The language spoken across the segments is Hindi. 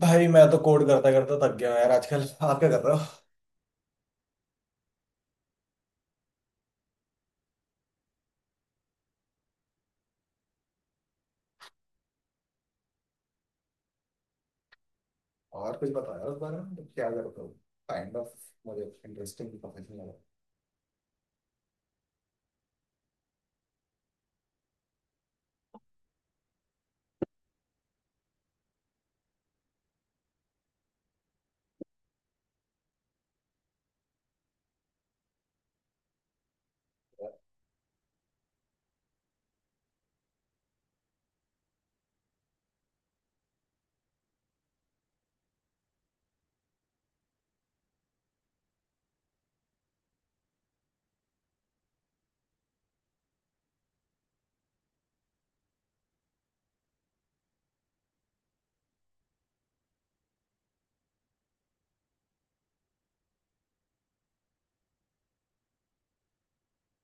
भाई, मैं तो कोड करता करता थक गया हूँ यार। आजकल आप क्या कर रहे हो? और कुछ बताओ यार उस बारे में, मतलब क्या करते हो? काइंड ऑफ मुझे इंटरेस्टिंग समझ नहीं आ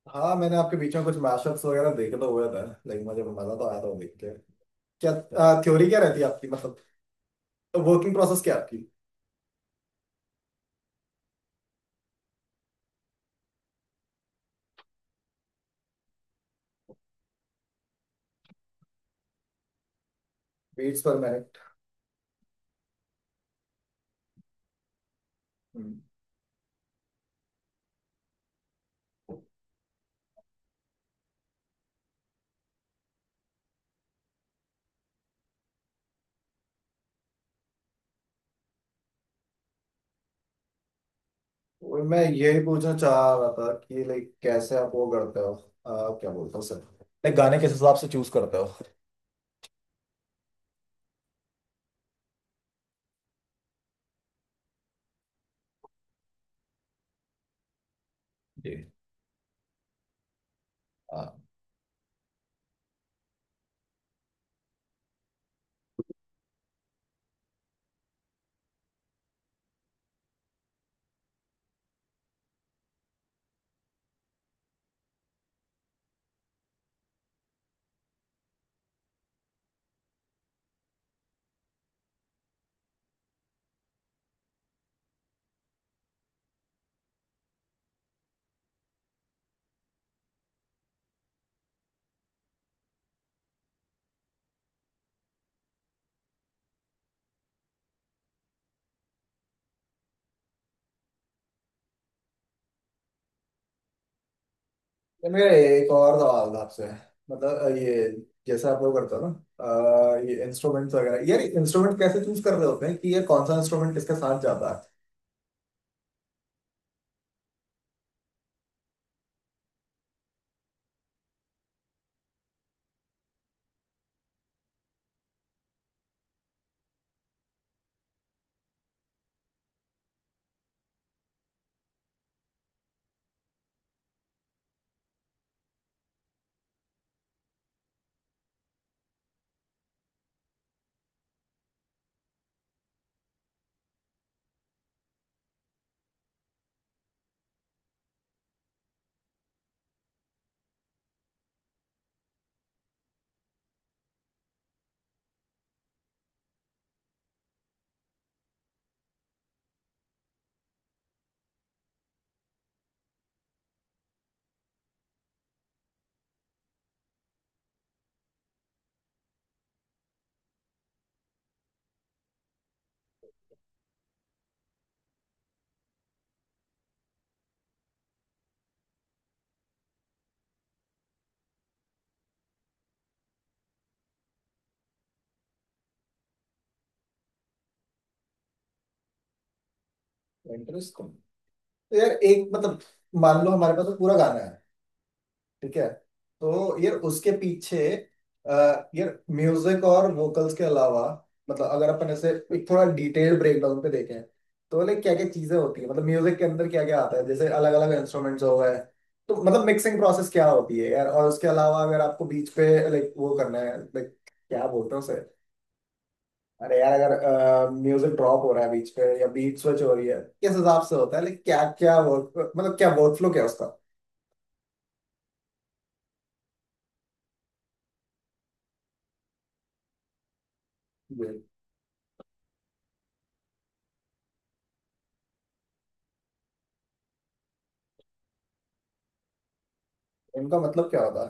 रहा। हाँ, मैंने आपके बीच में कुछ मैशअप्स वगैरह देखे तो हुए थे, लेकिन मुझे मजा तो आया था वो देख के। क्या थ्योरी क्या रहती है आपकी? मतलब वर्किंग प्रोसेस क्या है आपकी? Beats per minute. हम्म। मैं यही पूछना चाह रहा था कि लाइक कैसे आप वो करते हो, क्या बोलते हो सर? लाइक गाने किस हिसाब से चूज करते हो? जी। ये मेरा एक और सवाल था आपसे, मतलब ये, जैसे आप लोग करते हो ना, ये इंस्ट्रूमेंट्स वगैरह यार। इंस्ट्रूमेंट कैसे चूज कर रहे होते हैं कि ये कौन सा इंस्ट्रूमेंट किसके साथ जाता है? इंटरेस्ट को। तो यार एक मतलब, मान लो हमारे पास तो पूरा गाना है, ठीक है? तो यार उसके पीछे, अ, यार म्यूजिक और वोकल्स के अलावा, मतलब अगर अपन ऐसे एक थोड़ा डिटेल ब्रेकडाउन पे देखें, तो लाइक क्या क्या चीजें होती है मतलब? म्यूजिक के अंदर क्या क्या आता है? जैसे अलग अलग इंस्ट्रूमेंट्स हो गए, तो मतलब मिक्सिंग प्रोसेस क्या होती है यार? और उसके अलावा अगर आपको बीच पे लाइक वो करना है, लाइक क्या बोलते हैं उसे? अरे यार, अगर म्यूजिक ड्रॉप हो रहा है बीच पे, या बीट स्विच हो रही है, किस हिसाब से होता है? लाइक क्या क्या वर्क, मतलब क्या वर्क फ्लो क्या है उसका? जी। इनका मतलब क्या होता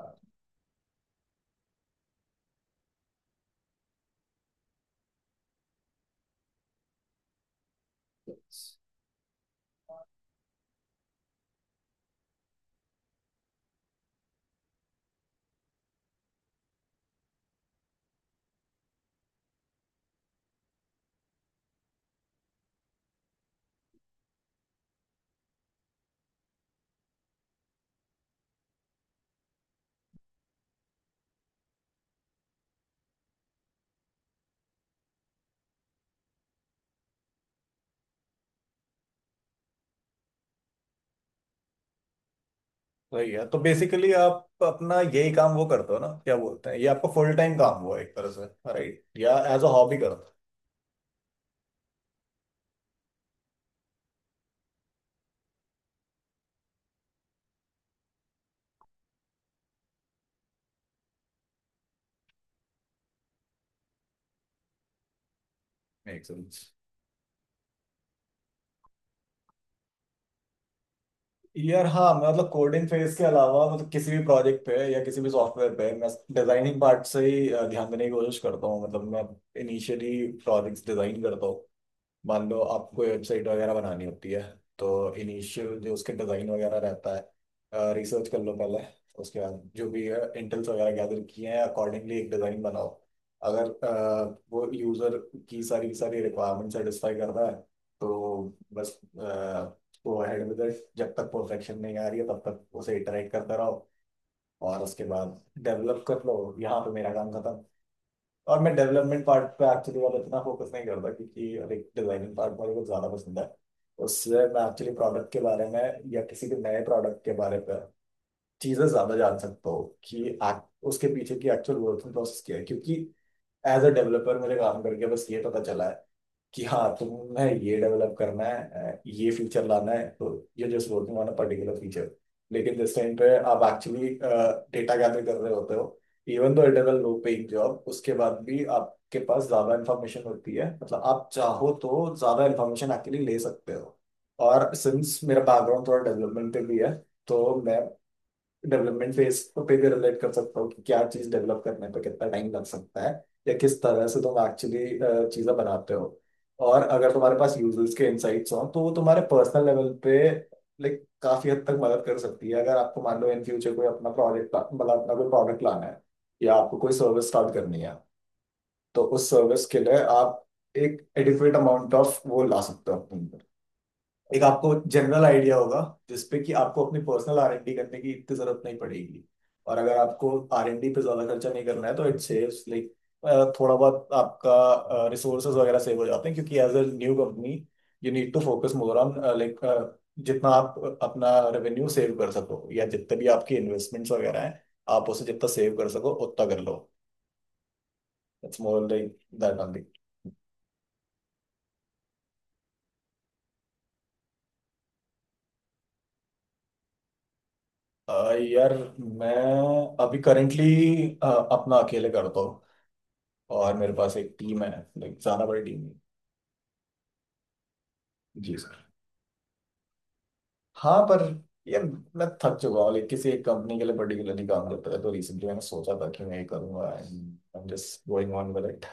है? वही है। तो बेसिकली आप अपना यही काम वो करते हो ना, क्या बोलते हैं, ये आपका फुल टाइम काम हुआ एक तरह से, राइट? या एज अ हॉबी करते हो? Make sense. यार हाँ, मतलब कोडिंग फेज के अलावा, मतलब किसी भी प्रोजेक्ट पे या किसी भी सॉफ्टवेयर पे, मैं डिजाइनिंग पार्ट से ही ध्यान देने की कोशिश करता हूँ। मतलब मैं इनिशियली प्रोजेक्ट्स डिजाइन करता हूँ। मान लो आपको कोई वेबसाइट वगैरह बनानी होती है, तो इनिशियल जो उसके डिज़ाइन वगैरह रहता है, रिसर्च कर लो पहले। उसके बाद जो भी इंटेल्स वगैरह गैदर किए हैं, अकॉर्डिंगली एक डिज़ाइन बनाओ। अगर वो यूज़र की सारी रिक्वायरमेंट सेटिस्फाई कर रहा है, तो बस गो अहेड विद इट। जब तक परफेक्शन नहीं आ रही है, तब तक उसे इटरेट करते रहो। और उसके बाद डेवलप कर लो। यहाँ पे मेरा काम खत्म। और मैं डेवलपमेंट पार्ट पे एक्चुअली वाला इतना फोकस नहीं करता, क्योंकि लाइक डिजाइनिंग पार्ट मुझे कुछ ज़्यादा पसंद है। उससे मैं एक्चुअली प्रोडक्ट के बारे में या किसी भी नए प्रोडक्ट के बारे में चीज़ें ज़्यादा जान सकता हूँ कि उसके पीछे की एक्चुअल वर्किंग प्रोसेस क्या है। क्योंकि एज अ डेवलपर मेरे काम करके बस ये पता चला है कि हाँ, तुम्हें ये डेवलप करना है, ये फीचर लाना है, तो ये just working on a particular feature. लेकिन जिस टाइम पे आप एक्चुअली डेटा गैदर कर रहे होते हो, even though it is a low paying job, उसके बाद भी आपके पास ज्यादा इन्फॉर्मेशन होती है। मतलब आप चाहो तो ज्यादा इन्फॉर्मेशन एक्चुअली ले सकते हो। और सिंस मेरा बैकग्राउंड थोड़ा डेवलपमेंट पे भी है, तो मैं डेवलपमेंट फेज पे भी रिलेट कर सकता हो कि क्या चीज डेवलप करने पे कितना टाइम लग सकता है, या किस तरह से तुम एक्चुअली चीजें बनाते हो। और अगर तुम्हारे पास यूजर्स के इनसाइट्स हो, तो वो तुम्हारे पर्सनल लेवल पे लाइक काफी हद तक मदद कर सकती है। अगर आपको मान लो इन फ्यूचर कोई अपना प्रोजेक्ट, मतलब अपना कोई प्रोडक्ट लाना है, या आपको कोई सर्विस स्टार्ट करनी है, तो उस सर्विस के लिए आप एक एडिक्वेट अमाउंट ऑफ वो ला सकते हो अपने, एक आपको जनरल आइडिया होगा जिसपे कि आपको अपनी पर्सनल R&D करने की इतनी जरूरत नहीं पड़ेगी। और अगर आपको R&D पे ज्यादा खर्चा नहीं करना है, तो इट सेव्स लाइक थोड़ा बहुत आपका रिसोर्सेज वगैरह सेव हो जाते हैं। क्योंकि as a new company, you need to focus more on like जितना आप अपना रेवेन्यू सेव कर सको, या जितने भी आपकी इन्वेस्टमेंट्स वगैरह हैं, आप उसे जितना सेव कर सको उतना कर लो। It's more like that only. यार मैं अभी करेंटली अपना अकेले करता हूँ, और मेरे पास एक टीम है, लाइक ज्यादा बड़ी टीम नहीं। जी सर। हाँ पर यार मैं थक चुका हूँ। लाइक किसी एक कंपनी के लिए पर्टिकुलरली काम करता था, तो रिसेंटली मैंने सोचा था कि मैं ये करूंगा, and I am just going on with it.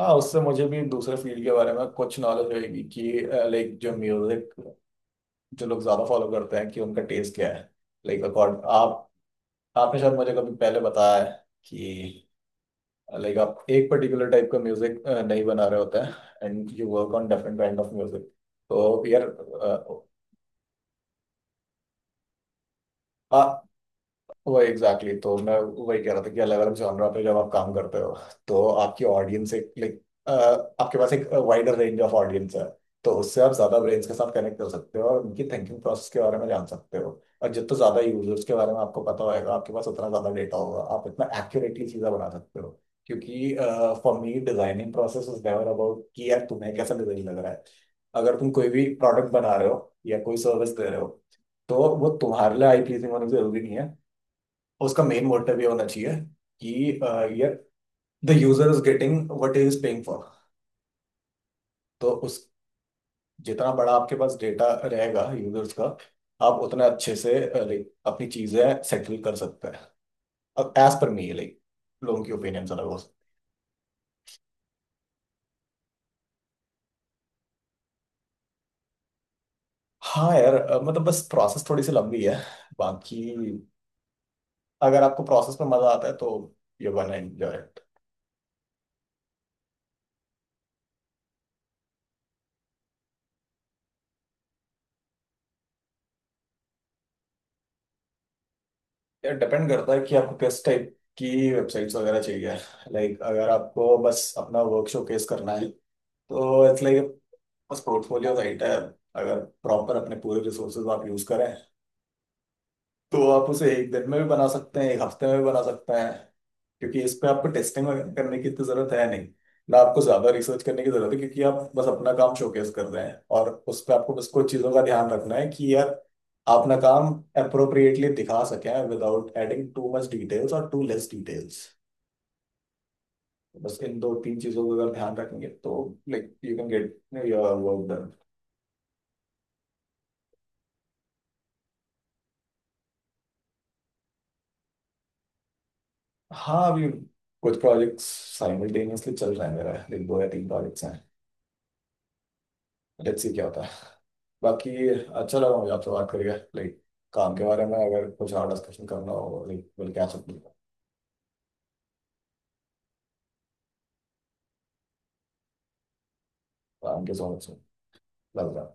हाँ, उससे मुझे भी दूसरे फील्ड के बारे में कुछ नॉलेज होगी कि लाइक जो म्यूजिक, जो लोग ज्यादा फॉलो करते हैं, कि उनका टेस्ट क्या है। लाइक अकॉर्ड आप, आपने शायद मुझे कभी पहले बताया है कि लाइक आप एक पर्टिकुलर टाइप का म्यूजिक नहीं बना रहे होते हैं, and you work on different kind of music. तो यार आ, वही एग्जैक्टली exactly. तो मैं वही कह रहा था कि अलग अलग जॉनरा पे जब आप काम करते हो, तो आपकी ऑडियंस एक लाइक, आपके पास एक वाइडर रेंज ऑफ ऑडियंस है। तो उससे आप ज्यादा ब्रेन्स के साथ कनेक्ट कर सकते हो और उनकी थिंकिंग प्रोसेस के बारे में जान सकते हो। और जितना ज्यादा यूजर्स के बारे में आपको पता होगा, आपके पास उतना ज्यादा डेटा होगा, आप इतना एक्यूरेटली चीजें बना सकते हो। क्योंकि for me designing process is never about कि यार तुम्हें कैसा डिजाइन लग रहा है। अगर तुम कोई भी प्रोडक्ट बना रहे हो, या कोई सर्विस दे रहे हो, तो वो तुम्हारे लिए आई प्लीजिंग होना जरूरी नहीं है। और उसका मेन मोटिव ये होना चाहिए कि ये, the user is getting what he is paying for. तो उस, जितना बड़ा आपके पास डेटा रहेगा यूजर्स का, आप उतना अच्छे से लाइक अपनी चीजें सेटल कर सकते हैं। अब एज पर मी लाइक लोगों की ओपिनियन अलग हो सकती। हाँ यार मतलब बस प्रोसेस थोड़ी सी लंबी है। बाकी अगर आपको प्रोसेस में मजा आता है तो ये वन एंजॉय इट। यार डिपेंड करता है कि आपको किस टाइप की वेबसाइट्स वगैरह चाहिए। लाइक अगर आपको बस अपना वर्क शोकेस करना है, तो इट्स लाइक बस पोर्टफोलियो, राइट है। अगर प्रॉपर अपने पूरे रिसोर्सेज आप यूज करें, तो आप उसे एक दिन में भी बना सकते हैं, एक हफ्ते में भी बना सकते हैं। क्योंकि इस पे आपको टेस्टिंग वगैरह करने की तो जरूरत है नहीं, ना आपको ज्यादा रिसर्च करने की जरूरत है। क्योंकि आप बस अपना काम शोकेस कर रहे हैं, और उस पर आपको बस कुछ चीजों का ध्यान रखना है कि यार आप अपना काम अप्रोप्रिएटली दिखा सकें, without adding too much details और टू लेस डिटेल्स। बस इन दो तीन चीजों का अगर ध्यान रखेंगे, तो like you can get your work done. हाँ अभी कुछ प्रोजेक्ट्स साइमल्टेनियसली चल रहे हैं मेरा, लाइक दो या तीन प्रोजेक्ट्स हैं। लेट्स सी क्या होता है। बाकी अच्छा लगा मुझे आपसे बात करके, लाइक काम के बारे में अगर कुछ और डिस्कशन करना हो, like will catch up. Thank you so much. लग रहा